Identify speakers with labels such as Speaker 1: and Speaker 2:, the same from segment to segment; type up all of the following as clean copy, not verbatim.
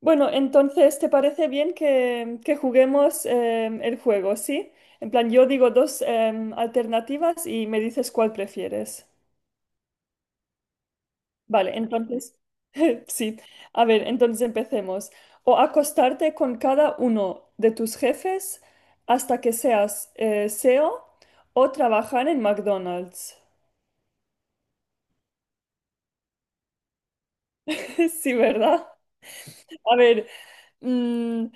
Speaker 1: Bueno, entonces, ¿te parece bien que juguemos el juego, sí? En plan, yo digo dos alternativas y me dices cuál prefieres. Vale, entonces, sí. A ver, entonces empecemos. O acostarte con cada uno de tus jefes hasta que seas CEO o trabajar en McDonald's. Sí, ¿verdad? A ver, mm,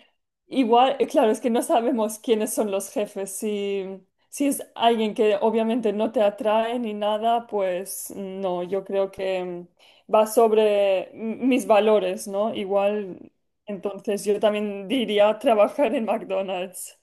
Speaker 1: igual, claro, es que no sabemos quiénes son los jefes. Si, si es alguien que obviamente no te atrae ni nada, pues no, yo creo que va sobre mis valores, ¿no? Igual, entonces yo también diría trabajar en McDonald's.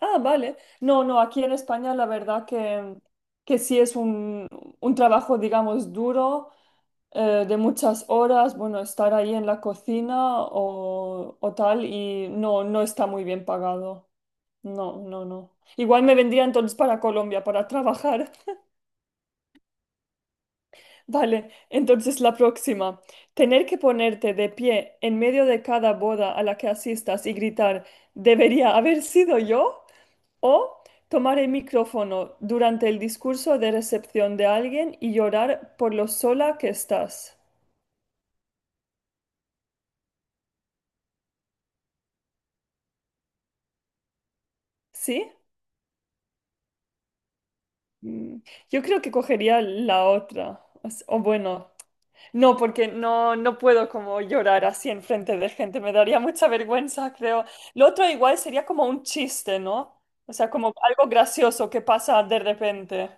Speaker 1: Ah, vale. No, no, aquí en España la verdad que sí es un trabajo, digamos, duro, de muchas horas, bueno, estar ahí en la cocina o tal, y no, no está muy bien pagado. No, no, no. Igual me vendría entonces para Colombia para trabajar. Vale, entonces la próxima. Tener que ponerte de pie en medio de cada boda a la que asistas y gritar, ¿debería haber sido yo? O tomar el micrófono durante el discurso de recepción de alguien y llorar por lo sola que estás. ¿Sí? Mm, yo creo que cogería la otra. O bueno, no, porque no, no puedo como llorar así en frente de gente. Me daría mucha vergüenza, creo. Lo otro igual sería como un chiste, ¿no? O sea, como algo gracioso que pasa de repente.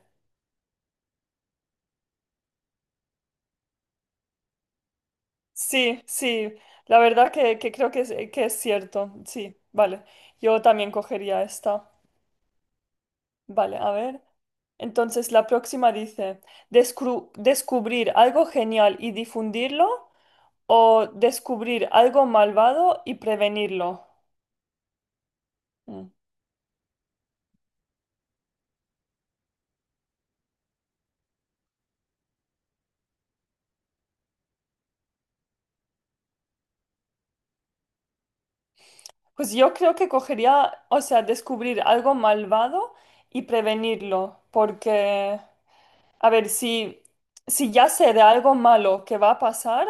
Speaker 1: Sí, sí. La verdad que creo que es cierto. Sí, vale. Yo también cogería esta. Vale, a ver. Entonces, la próxima dice, descubrir algo genial y difundirlo, o descubrir algo malvado y prevenirlo." Mm. Pues yo creo que cogería, o sea, descubrir algo malvado y prevenirlo, porque, a ver, si, si ya sé de algo malo que va a pasar.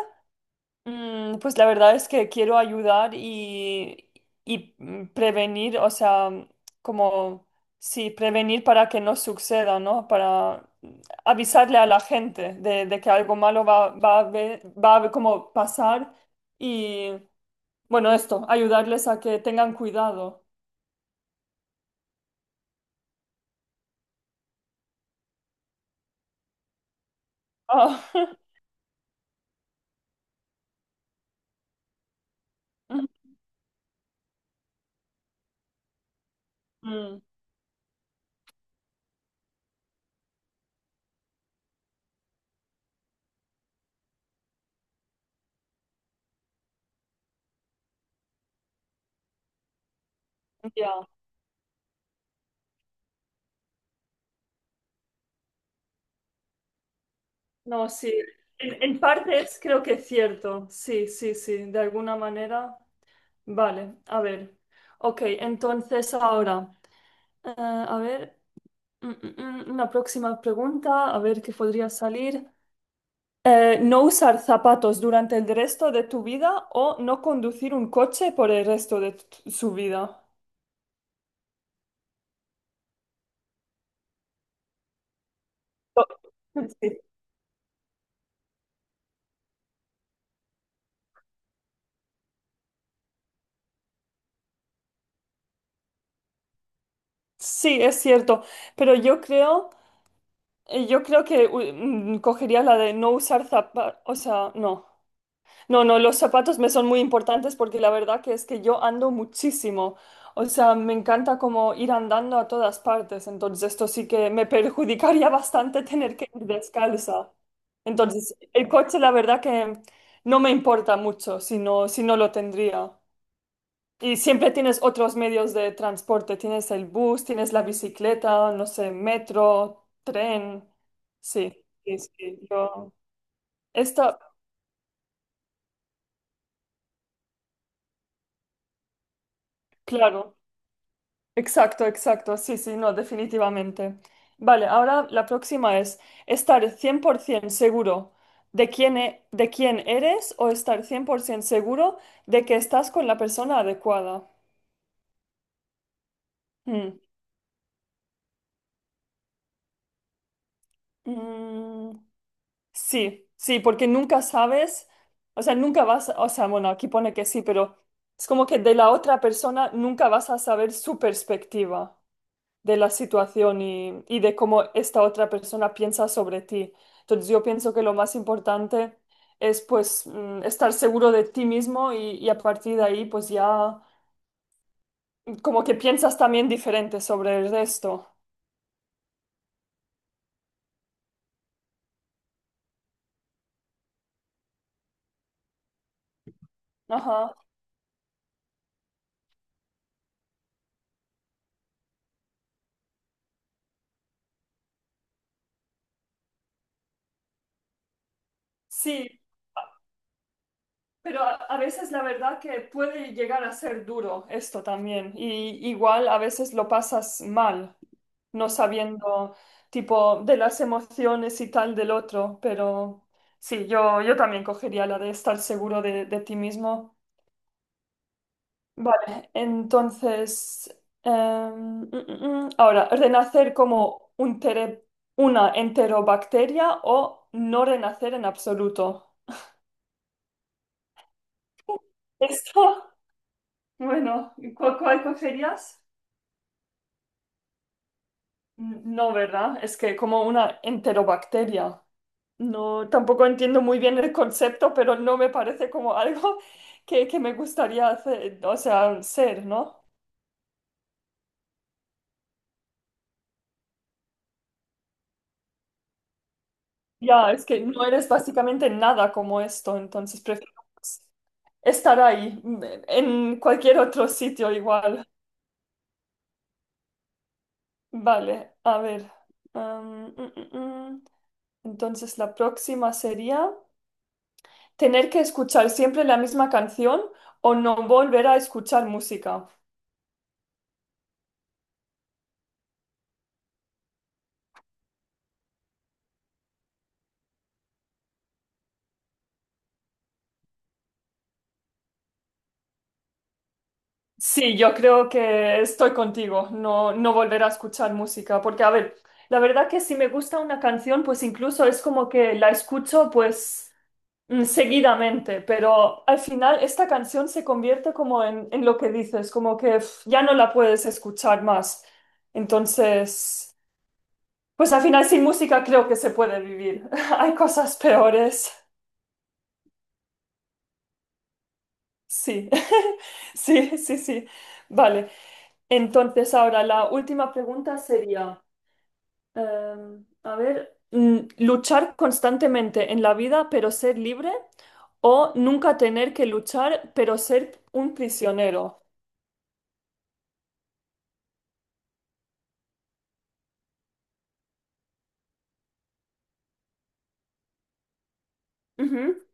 Speaker 1: Pues la verdad es que quiero ayudar y prevenir, o sea, como, sí, prevenir para que no suceda, ¿no? Para avisarle a la gente de que algo malo va a ver como pasar y, bueno, esto, ayudarles a que tengan cuidado. Ah, mm, ya. No, sí. En partes creo que es cierto. Sí, sí, sí. De alguna manera. Vale, a ver. Ok, entonces ahora, a ver. Una próxima pregunta. A ver qué podría salir. No usar zapatos durante el resto de tu vida o no conducir un coche por el resto su vida. Oh, sí. Sí, es cierto, pero yo creo que cogería la de no usar zapatos, o sea, no. No, no, los zapatos me son muy importantes porque la verdad que es que yo ando muchísimo. O sea, me encanta como ir andando a todas partes. Entonces, esto sí que me perjudicaría bastante tener que ir descalza. Entonces, el coche la verdad que no me importa mucho si no, si no lo tendría. Y siempre tienes otros medios de transporte. Tienes el bus, tienes la bicicleta, no sé, metro, tren. Sí, sí, sí. Yo... Esta, claro. Exacto, exacto, sí, sí, no, definitivamente. Vale, ahora la próxima es estar 100% seguro de quién eres o estar 100% seguro de que estás con la persona adecuada. Mm. Mm, sí, sí, porque nunca sabes, o sea, nunca vas, o sea, bueno, aquí pone que sí, pero es como que de la otra persona nunca vas a saber su perspectiva de la situación y de cómo esta otra persona piensa sobre ti. Entonces yo pienso que lo más importante es pues estar seguro de ti mismo y a partir de ahí pues ya como que piensas también diferente sobre el resto. Ajá. Sí, pero a veces la verdad que puede llegar a ser duro esto también. Y igual a veces lo pasas mal, no sabiendo tipo de las emociones y tal del otro. Pero sí, yo también cogería la de estar seguro de ti mismo. Vale, entonces, em, mm. ahora, ¿renacer como una enterobacteria o no renacer en absoluto? Esto, bueno, ¿y cuál cogerías? No, ¿verdad? Es que como una enterobacteria. No, tampoco entiendo muy bien el concepto, pero no me parece como algo que me gustaría hacer, o sea, ser, ¿no? Ya, es que no eres básicamente nada como esto, entonces prefiero estar ahí, en cualquier otro sitio igual. Vale, a ver. Am, mm, mm, mm. Entonces la próxima sería... Tener que escuchar siempre la misma canción o no volver a escuchar música. Sí, yo creo que estoy contigo, no, no volver a escuchar música, porque a ver, la verdad que si me gusta una canción, pues incluso es como que la escucho pues seguidamente, pero al final esta canción se convierte como en lo que dices, como que pf, ya no la puedes escuchar más. Entonces, pues al final sin música creo que se puede vivir. Hay cosas peores. Sí, sí, sí, sí. Vale. Entonces, ahora la última pregunta sería, eh, a ver, luchar constantemente en la vida pero ser libre o nunca tener que luchar pero ser un prisionero. Ujú.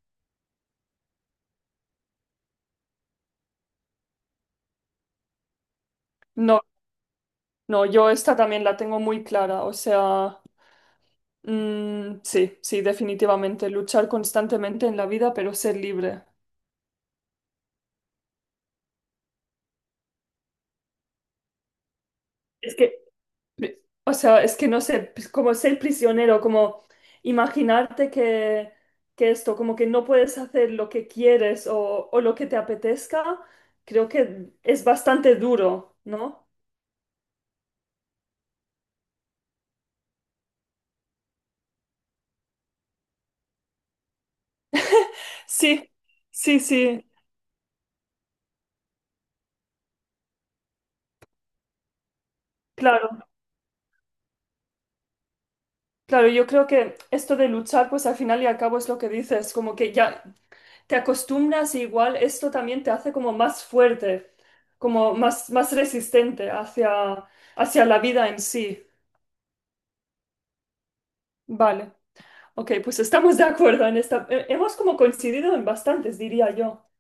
Speaker 1: No, no, yo esta también la tengo muy clara. O sea, sí, sí, definitivamente, luchar constantemente en la vida pero ser libre. Es que o sea, es que no sé, pues, como ser prisionero, como imaginarte que esto, como que no puedes hacer lo que quieres o lo que te apetezca, creo que es bastante duro, ¿no? Sí, sí, sí, claro. Claro, yo creo que esto de luchar, pues al final y al cabo es lo que dices, como que ya te acostumbras y igual esto también te hace como más fuerte, como más resistente hacia, hacia la vida en sí. Vale. Ok, pues estamos de acuerdo en esta. Hemos como coincidido en bastantes, diría yo.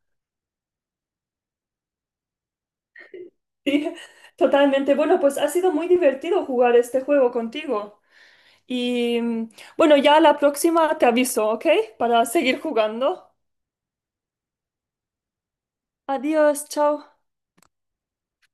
Speaker 1: Sí, totalmente. Bueno, pues ha sido muy divertido jugar este juego contigo. Y bueno, ya la próxima te aviso, ¿ok? Para seguir jugando. Adiós, chao.